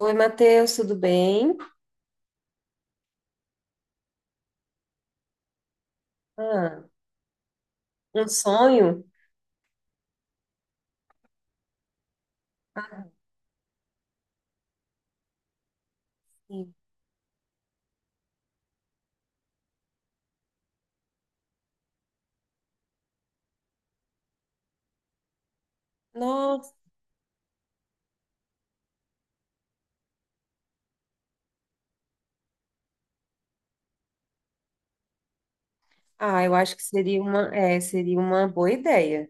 Oi, Matheus, tudo bem? Ah, um sonho? Ah, sim. Nossa, eu acho que seria seria uma boa ideia.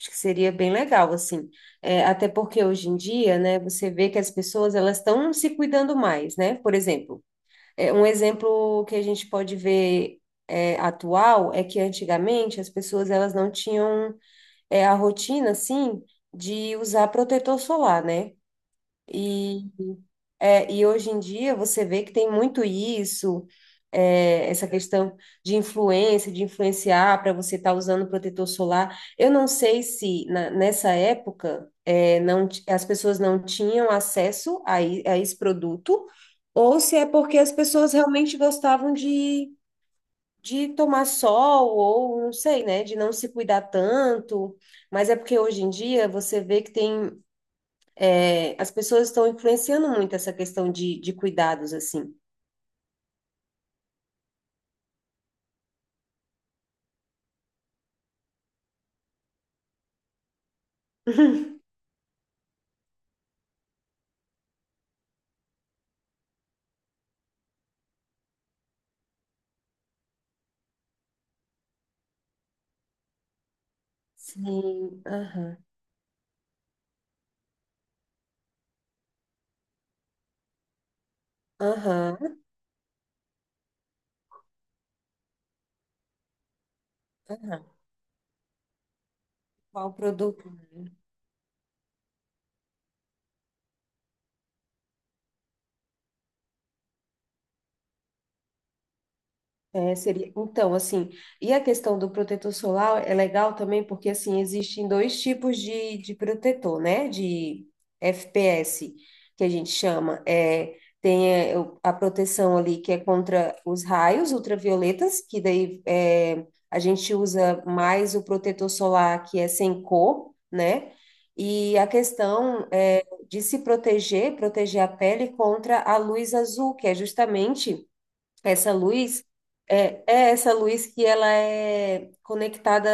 Acho que seria bem legal, assim. É, até porque hoje em dia, né, você vê que as pessoas elas estão se cuidando mais, né? Por exemplo, um exemplo que a gente pode ver atual é que antigamente as pessoas elas não tinham a rotina, assim, de usar protetor solar, né? E é, e hoje em dia você vê que tem muito isso, essa questão de influência, de influenciar para você estar usando protetor solar. Eu não sei se nessa época não, as pessoas não tinham acesso a esse produto, ou se é porque as pessoas realmente gostavam de tomar sol, ou não sei, né, de não se cuidar tanto. Mas é porque hoje em dia você vê que tem as pessoas estão influenciando muito essa questão de cuidados, assim. Sim, aham, aham, aham. Qual produto? É, seria, então, assim, e a questão do protetor solar é legal também porque, assim, existem dois tipos de protetor, né? De FPS, que a gente chama. É, tem a proteção ali que é contra os raios ultravioletas, que daí é, a gente usa mais o protetor solar que é sem cor, né? E a questão é de se proteger, proteger a pele contra a luz azul, que é justamente essa luz é essa luz que ela é conectada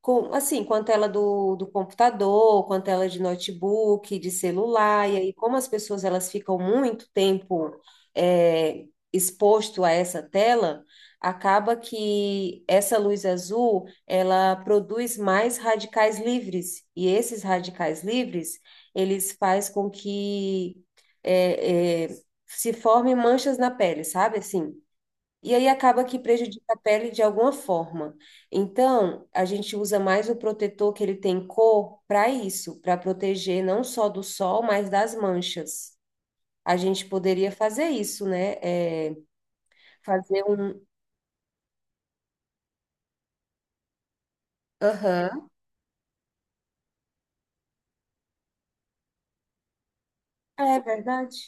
com, assim, com a tela do computador, com a tela de notebook, de celular, e aí como as pessoas elas ficam muito tempo é, exposto a essa tela, acaba que essa luz azul, ela produz mais radicais livres, e esses radicais livres, eles faz com que é, é, se formem manchas na pele, sabe assim? E aí acaba que prejudica a pele de alguma forma. Então, a gente usa mais o protetor que ele tem cor para isso, para proteger não só do sol, mas das manchas. A gente poderia fazer isso, né? É, fazer um. Aham. É verdade.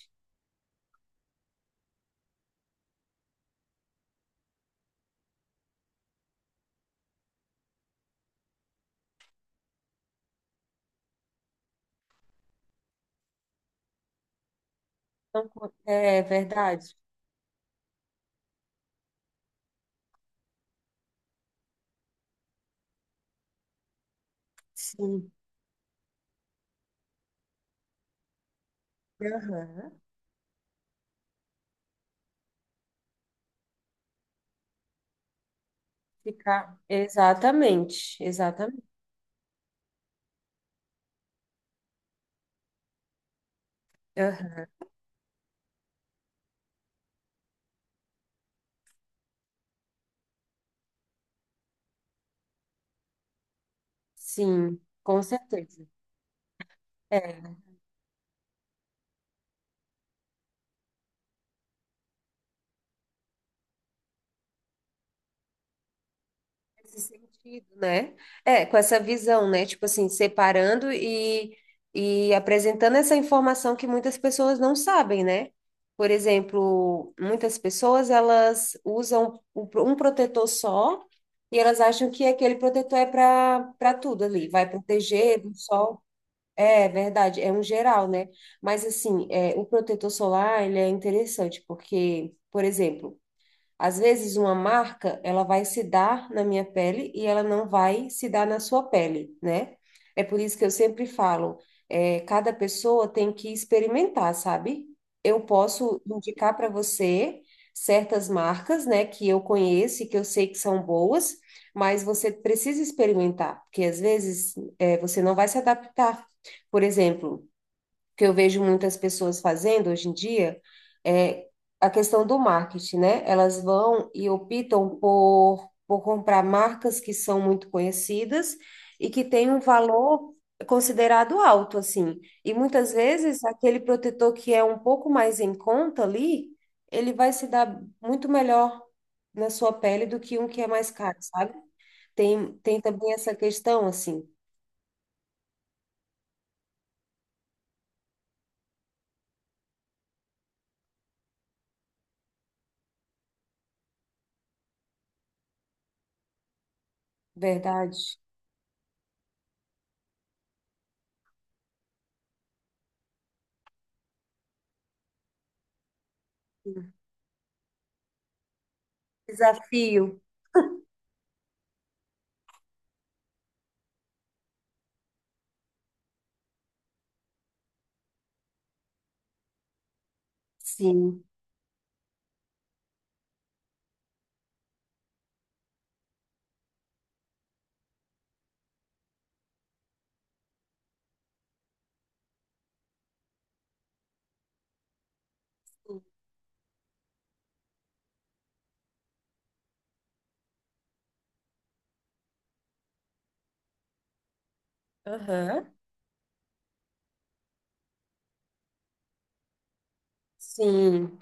Então, é verdade. Sim. Aham. Ficar. Exatamente. Exatamente. Aham. Sim, com certeza. É. Nesse sentido, né? É, com essa visão, né? Tipo assim, separando e apresentando essa informação que muitas pessoas não sabem, né? Por exemplo, muitas pessoas elas usam um protetor só e elas acham que aquele protetor é para tudo ali, vai proteger do sol. É verdade, é um geral, né? Mas assim, é, o protetor solar, ele é interessante porque, por exemplo, às vezes uma marca, ela vai se dar na minha pele e ela não vai se dar na sua pele, né? É por isso que eu sempre falo, é, cada pessoa tem que experimentar, sabe? Eu posso indicar para você certas marcas, né, que eu conheço e que eu sei que são boas, mas você precisa experimentar, porque às vezes é, você não vai se adaptar. Por exemplo, que eu vejo muitas pessoas fazendo hoje em dia é a questão do marketing, né? Elas vão e optam por comprar marcas que são muito conhecidas e que têm um valor considerado alto, assim. E muitas vezes aquele protetor que é um pouco mais em conta ali, ele vai se dar muito melhor na sua pele do que um que é mais caro, sabe? Tem também essa questão, assim, verdade. Desafio, sim. Aham. Sim,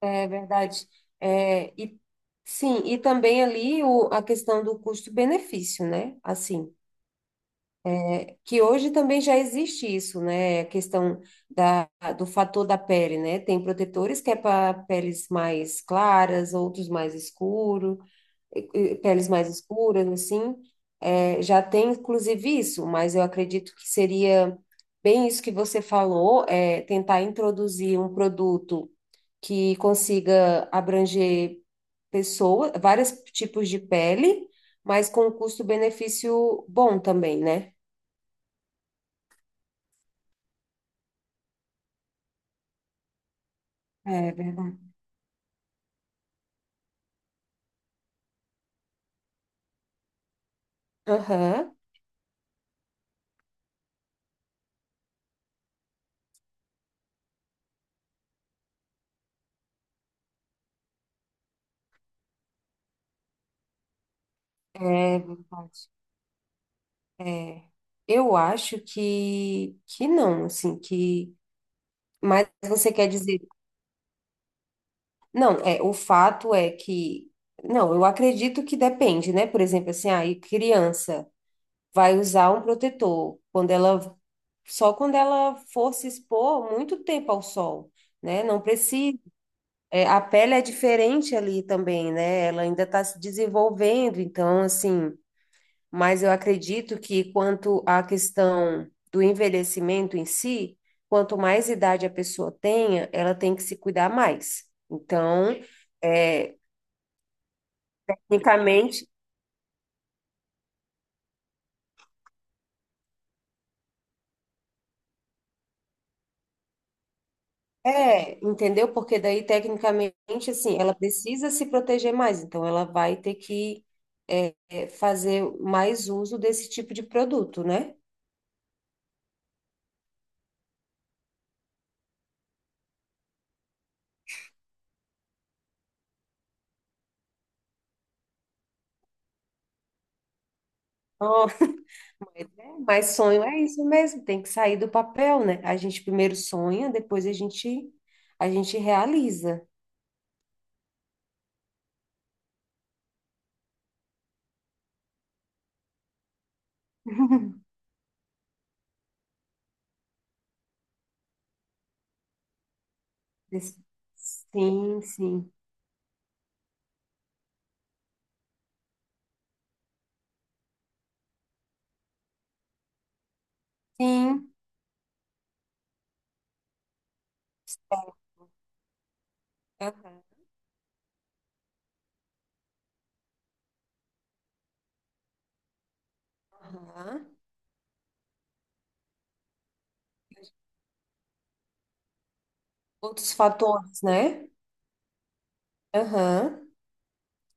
é verdade. É, e, sim, e também ali a questão do custo-benefício, né? Assim, é, que hoje também já existe isso, né? A questão da, do fator da pele, né? Tem protetores que é para peles mais claras, outros mais escuros. Eh, peles mais escuras, assim, já tem inclusive isso, mas eu acredito que seria bem isso que você falou, é, tentar introduzir um produto que consiga abranger pessoas, vários tipos de pele, mas com um custo-benefício bom também, né? É verdade. Aham, é verdade. É, eu acho que não, assim, que... Mas você quer dizer não, é, o fato é que, não, eu acredito que depende, né? Por exemplo, assim, aí criança vai usar um protetor só quando ela for se expor muito tempo ao sol, né? Não precisa. É, a pele é diferente ali também, né? Ela ainda está se desenvolvendo, então, assim, mas eu acredito que quanto à questão do envelhecimento em si, quanto mais idade a pessoa tenha, ela tem que se cuidar mais. Então, é, tecnicamente, é, entendeu? Porque daí, tecnicamente, assim, ela precisa se proteger mais, então ela vai ter que fazer mais uso desse tipo de produto, né? Nossa, mas é, mas sonho é isso mesmo, tem que sair do papel, né? A gente primeiro sonha, depois a gente realiza. Des- sim, sim. Sim. É, aham. Aham. Outros fatores, né? Aham.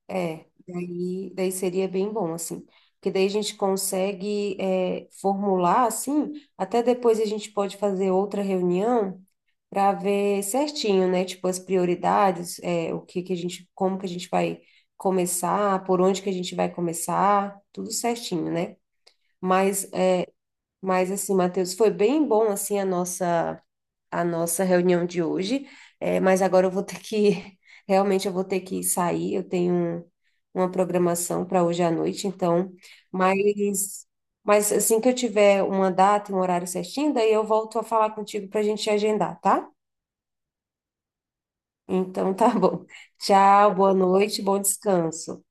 É, daí, daí seria bem bom, assim, porque daí a gente consegue é, formular, assim, até depois a gente pode fazer outra reunião para ver certinho, né, tipo, as prioridades, é, o que que a gente, como que a gente vai começar, por onde que a gente vai começar, tudo certinho, né? Mas, é, mas assim, Matheus, foi bem bom, assim, a nossa reunião de hoje, é, mas agora eu vou ter realmente eu vou ter que sair, eu tenho uma programação para hoje à noite, então, mas, mas assim que eu tiver uma data e um horário certinho, daí eu volto a falar contigo para a gente agendar, tá? Então tá bom. Tchau, boa noite, bom descanso.